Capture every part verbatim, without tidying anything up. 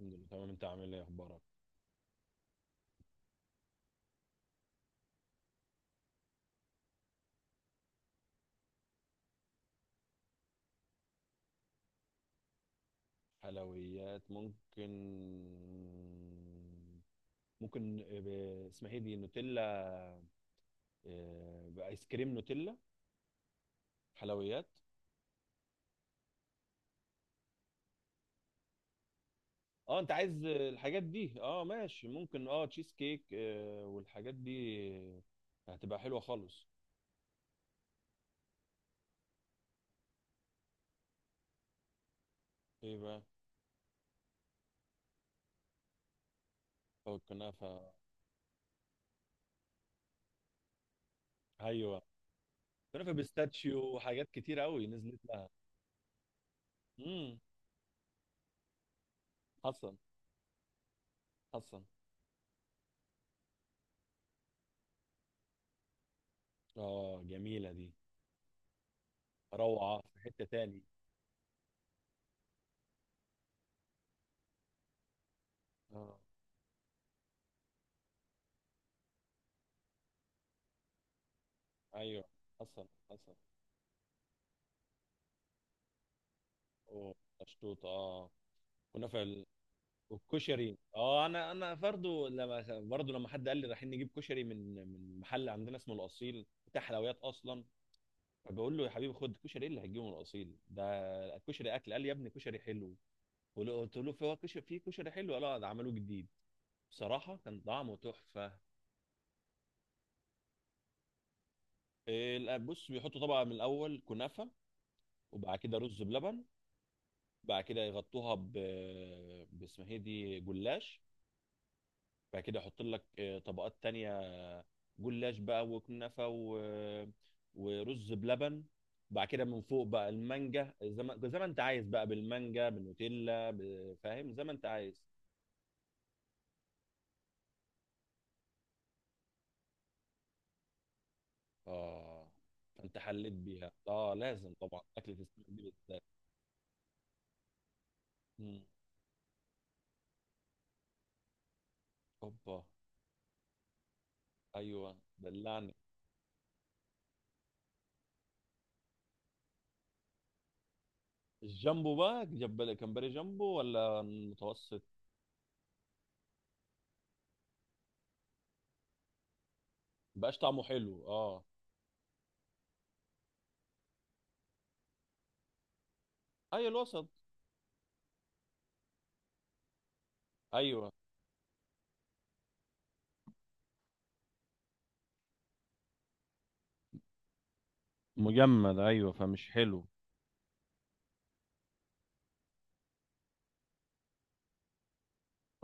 الحمد لله، تمام. انت عامل ايه، اخبارك؟ حلويات ممكن. ممكن ب... اسمها ايه دي، نوتيلا. اه، بايس كريم نوتيلا. حلويات. اه انت عايز الحاجات دي. اه ماشي، ممكن. اه تشيز كيك، اه، والحاجات دي هتبقى حلوه خالص. ايه بقى؟ او الكنافه. ايوه. كنافه بيستاتشيو وحاجات كتير قوي نزلت لها. امم. حصل، حصل. اه جميله دي. روعه في حته تاني. اه، ايوه. حصل، حصل. اوه، مشطوط. اه كنا في ال... والكشري. اه، انا انا برضو لما برضو لما حد قال لي رايحين نجيب كشري من من محل عندنا اسمه الاصيل، بتاع حلويات اصلا. فبقول له يا حبيبي، خد كشري، ايه اللي هتجيبه من الاصيل ده؟ الكشري اكل. قال لي يا ابني، كشري حلو. قول- قلت له في، هو كشري في كشري حلو؟ قال اه، ده عملوه جديد. بصراحه كان طعمه تحفه. إيه، لا، بص بيحطوا طبقه من الاول كنافه، وبعد كده رز بلبن، بعد كده يغطوها ب باسمها ايه دي، جلاش. بعد كده احط لك آه، طبقات تانية، جلاش بقى وكنافه و... ورز بلبن. بعد كده من فوق بقى المانجا، زي ما زي ما انت عايز، بقى بالمانجا، بالنوتيلا، ب- فاهم، زي ما انت عايز. اه فانت حليت بيها. اه لازم طبعا اكله السمك دي بالذات. مم. اوبا. ايوه دلعني. الجامبو. بقى جاب كمبري جامبو ولا متوسط؟ مبقاش طعمه حلو، اه. ايوه الوسط. ايوه. مجمد، ايوه، فمش حلو.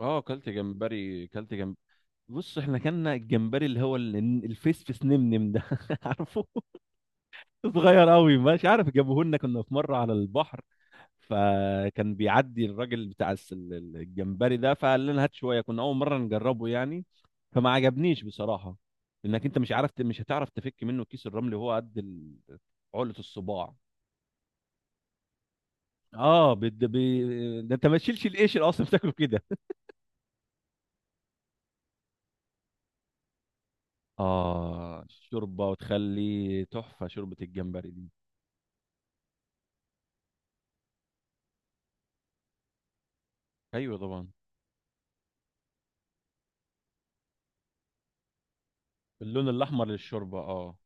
اه، كلت جمبري، كلت جمب بص احنا كنا الجمبري اللي هو ال- الفيس فيس نمنم ده عارفه؟ صغير قوي، مش عارف، جابوه لنا كنا في مره على البحر. فكان بيعدي الراجل بتاع الس- ال- ال- الجمبري ده، فقال لنا هات شويه، كنا اول مره نجربه يعني. فما عجبنيش بصراحه. انك انت مش عارف ت- مش هتعرف تفك منه كيس الرمل، وهو قد ال- عقله، الصباع. اه بد... بي... ده انت ما تشيلش القشر اصلا، بتاكله كده. آه الشوربة، وتخلي تحفة شوربة الجمبري دي. أيوة طبعا. اللون الأحمر للشوربة، آه.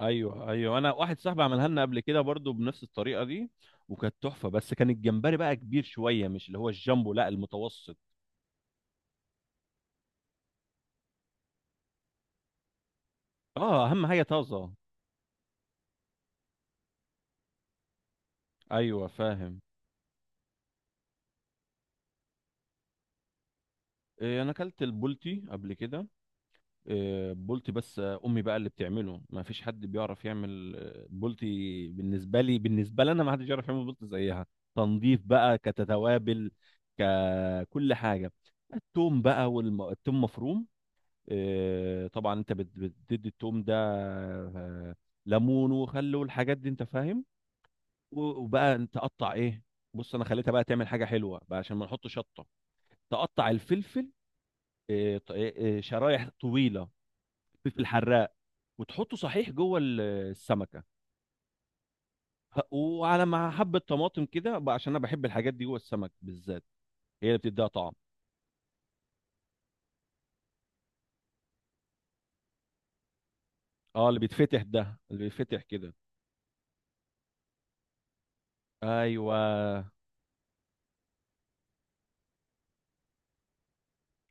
أيوة، أيوة، أنا واحد صاحبي عملها لنا قبل كده برضو بنفس الطريقة دي، وكانت تحفة، بس كان الجمبري بقى كبير شوية، مش اللي هو الجامبو، لا، المتوسط. آه أهم حاجة طازة. أيوة فاهم. إيه، أنا أكلت البولتي قبل كده. آه، بولتي، بس آه، امي بقى اللي بتعمله ما فيش حد بيعرف يعمل آه، بولتي بالنسبه لي، بالنسبه لنا، ما حدش يعرف يعمل بولتي زيها. تنظيف بقى، كتوابل، ككل حاجه. التوم بقى، والتوم مفروم، آه، طبعا. انت بت- بتدي التوم ده آه، ليمون وخل والحاجات دي، انت فاهم. و- وبقى انت قطع ايه؟ بص انا خليتها بقى تعمل حاجه حلوه بقى، عشان ما نحط شطه. تقطع الفلفل، آه، ط- آه، آه، شرايح طويله، فلفل حراق، وتحطه صحيح جوه ال- السمكه. ه- وعلى مع حبه طماطم كده بقى، عشان انا بحب الحاجات دي جوه السمك بالذات، هي اللي بتديها طعم. اه، اللي بيتفتح ده، اللي بيتفتح كده. ايوه،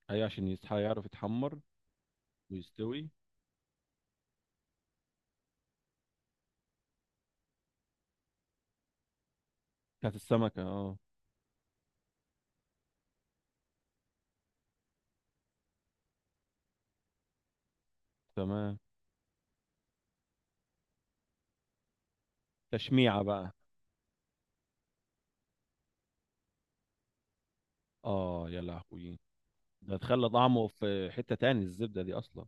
ايوه، عشان يصحى يعرف يتحمر ويستوي. بتاعت السمكه، اه. تمام. تشميعه بقى. اه يا لهوي. ده تخلى طعمه في حته تاني، الزبده دي اصلا.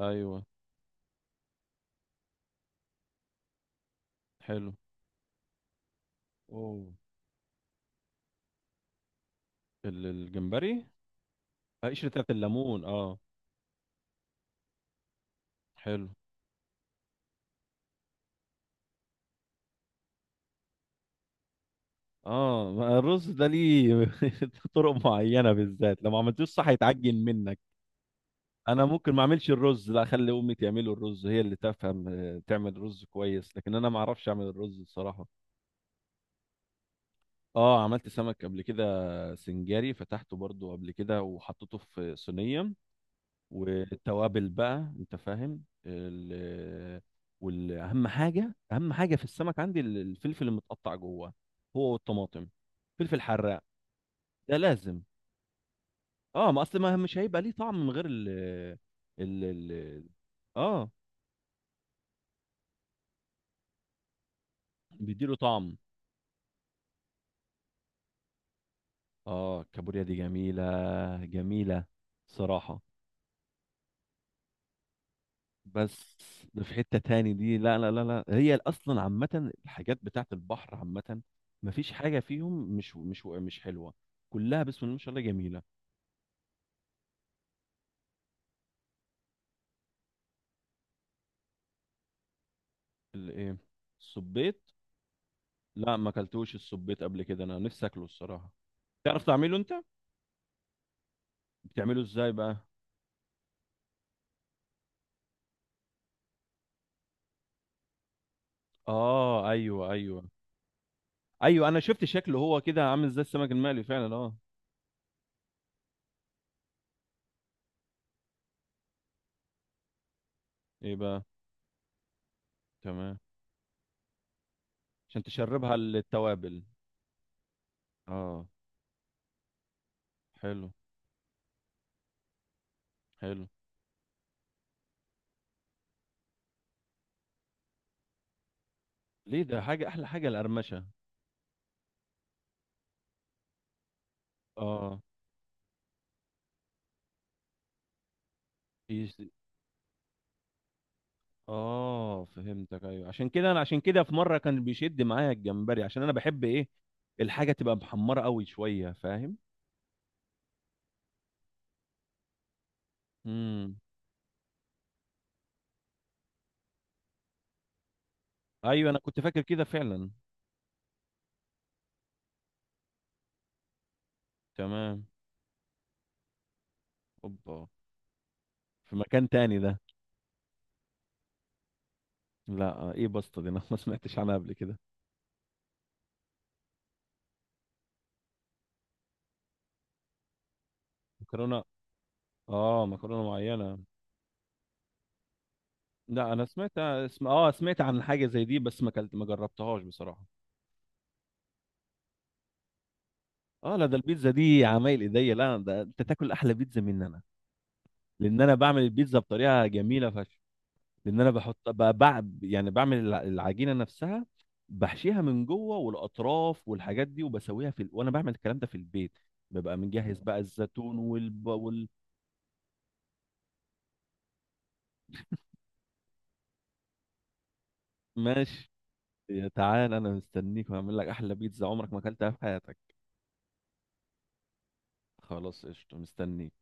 ايوه. حلو. اوه، ال- الجمبري. آه، قشره بتاعت الليمون، اه. حلو. اه، ما الرز ده ليه طرق معينه، بالذات لو ما عملتوش صح يتعجن منك. انا ممكن ما اعملش الرز، لا، اخلي امي تعمله الرز، هي اللي تفهم، آه، تعمل رز كويس، لكن انا ما اعرفش اعمل الرز الصراحه. اه عملت سمك قبل كده. سنجاري، فتحته برضو قبل كده وحطيته في صينيه، والتوابل بقى انت فاهم ال... والاهم حاجه اهم حاجه في السمك عندي الفلفل المتقطع جوه، هو والطماطم، فلفل حراق. ده لازم. اه، ما اصل ما مش هيبقى ليه طعم من غير ال ال ال اه بيديله طعم. اه الكابوريا دي جميلة، جميلة، صراحة. بس ده في حتة تاني دي. لا، لا، لا، لا، هي اصلا عامة، الحاجات بتاعت البحر عامة، مفيش حاجة فيهم مش مش مش حلوة، كلها بسم الله ما شاء الله جميلة. الايه؟ الصبيط. لا، ما اكلتوش الصبيط قبل كده، انا نفسي اكله الصراحة. تعرف تعمله انت؟ بتعمله ازاي بقى؟ اه، ايوه، ايوه. ايوه انا شفت شكله هو كده عامل زي السمك المقلي فعلا، اه. ايه بقى؟ تمام، عشان تشربها التوابل. اه. حلو. حلو. ليه؟ ده حاجه، احلى حاجه القرمشه. اه. يس... اه فهمتك، ايوه. عشان كده انا، عشان كده في مره كان بيشد معايا الجمبري، عشان انا بحب ايه، الحاجه تبقى محمره قوي شويه، فاهم. امم. ايوه انا كنت فاكر كده فعلا. تمام. اوبا. في مكان تاني ده. لا، آه، ايه بسطه دي انا ما سمعتش عنها قبل كده. مكرونه. اه مكرونه معينه. لا انا سمعت اسم، اه سمعت عن حاجه زي دي، بس ما كلت ما جربتهاش بصراحه. اه لا، ده البيتزا دي عمايل ايديا، لا، ده انت تاكل احلى بيتزا مني انا. لان انا بعمل البيتزا بطريقه جميله فشخ. لان انا بحط ب- بع... يعني بعمل الع- العجينه نفسها، بحشيها من جوه، والاطراف والحاجات دي، وبسويها في ال... وانا بعمل الكلام ده في البيت. ببقى مجهز بقى الزيتون والب... وال ماشي. يا تعال، انا مستنيك وهعمل لك احلى بيتزا عمرك ما اكلتها في حياتك. خلاص قشطه، مستنيك.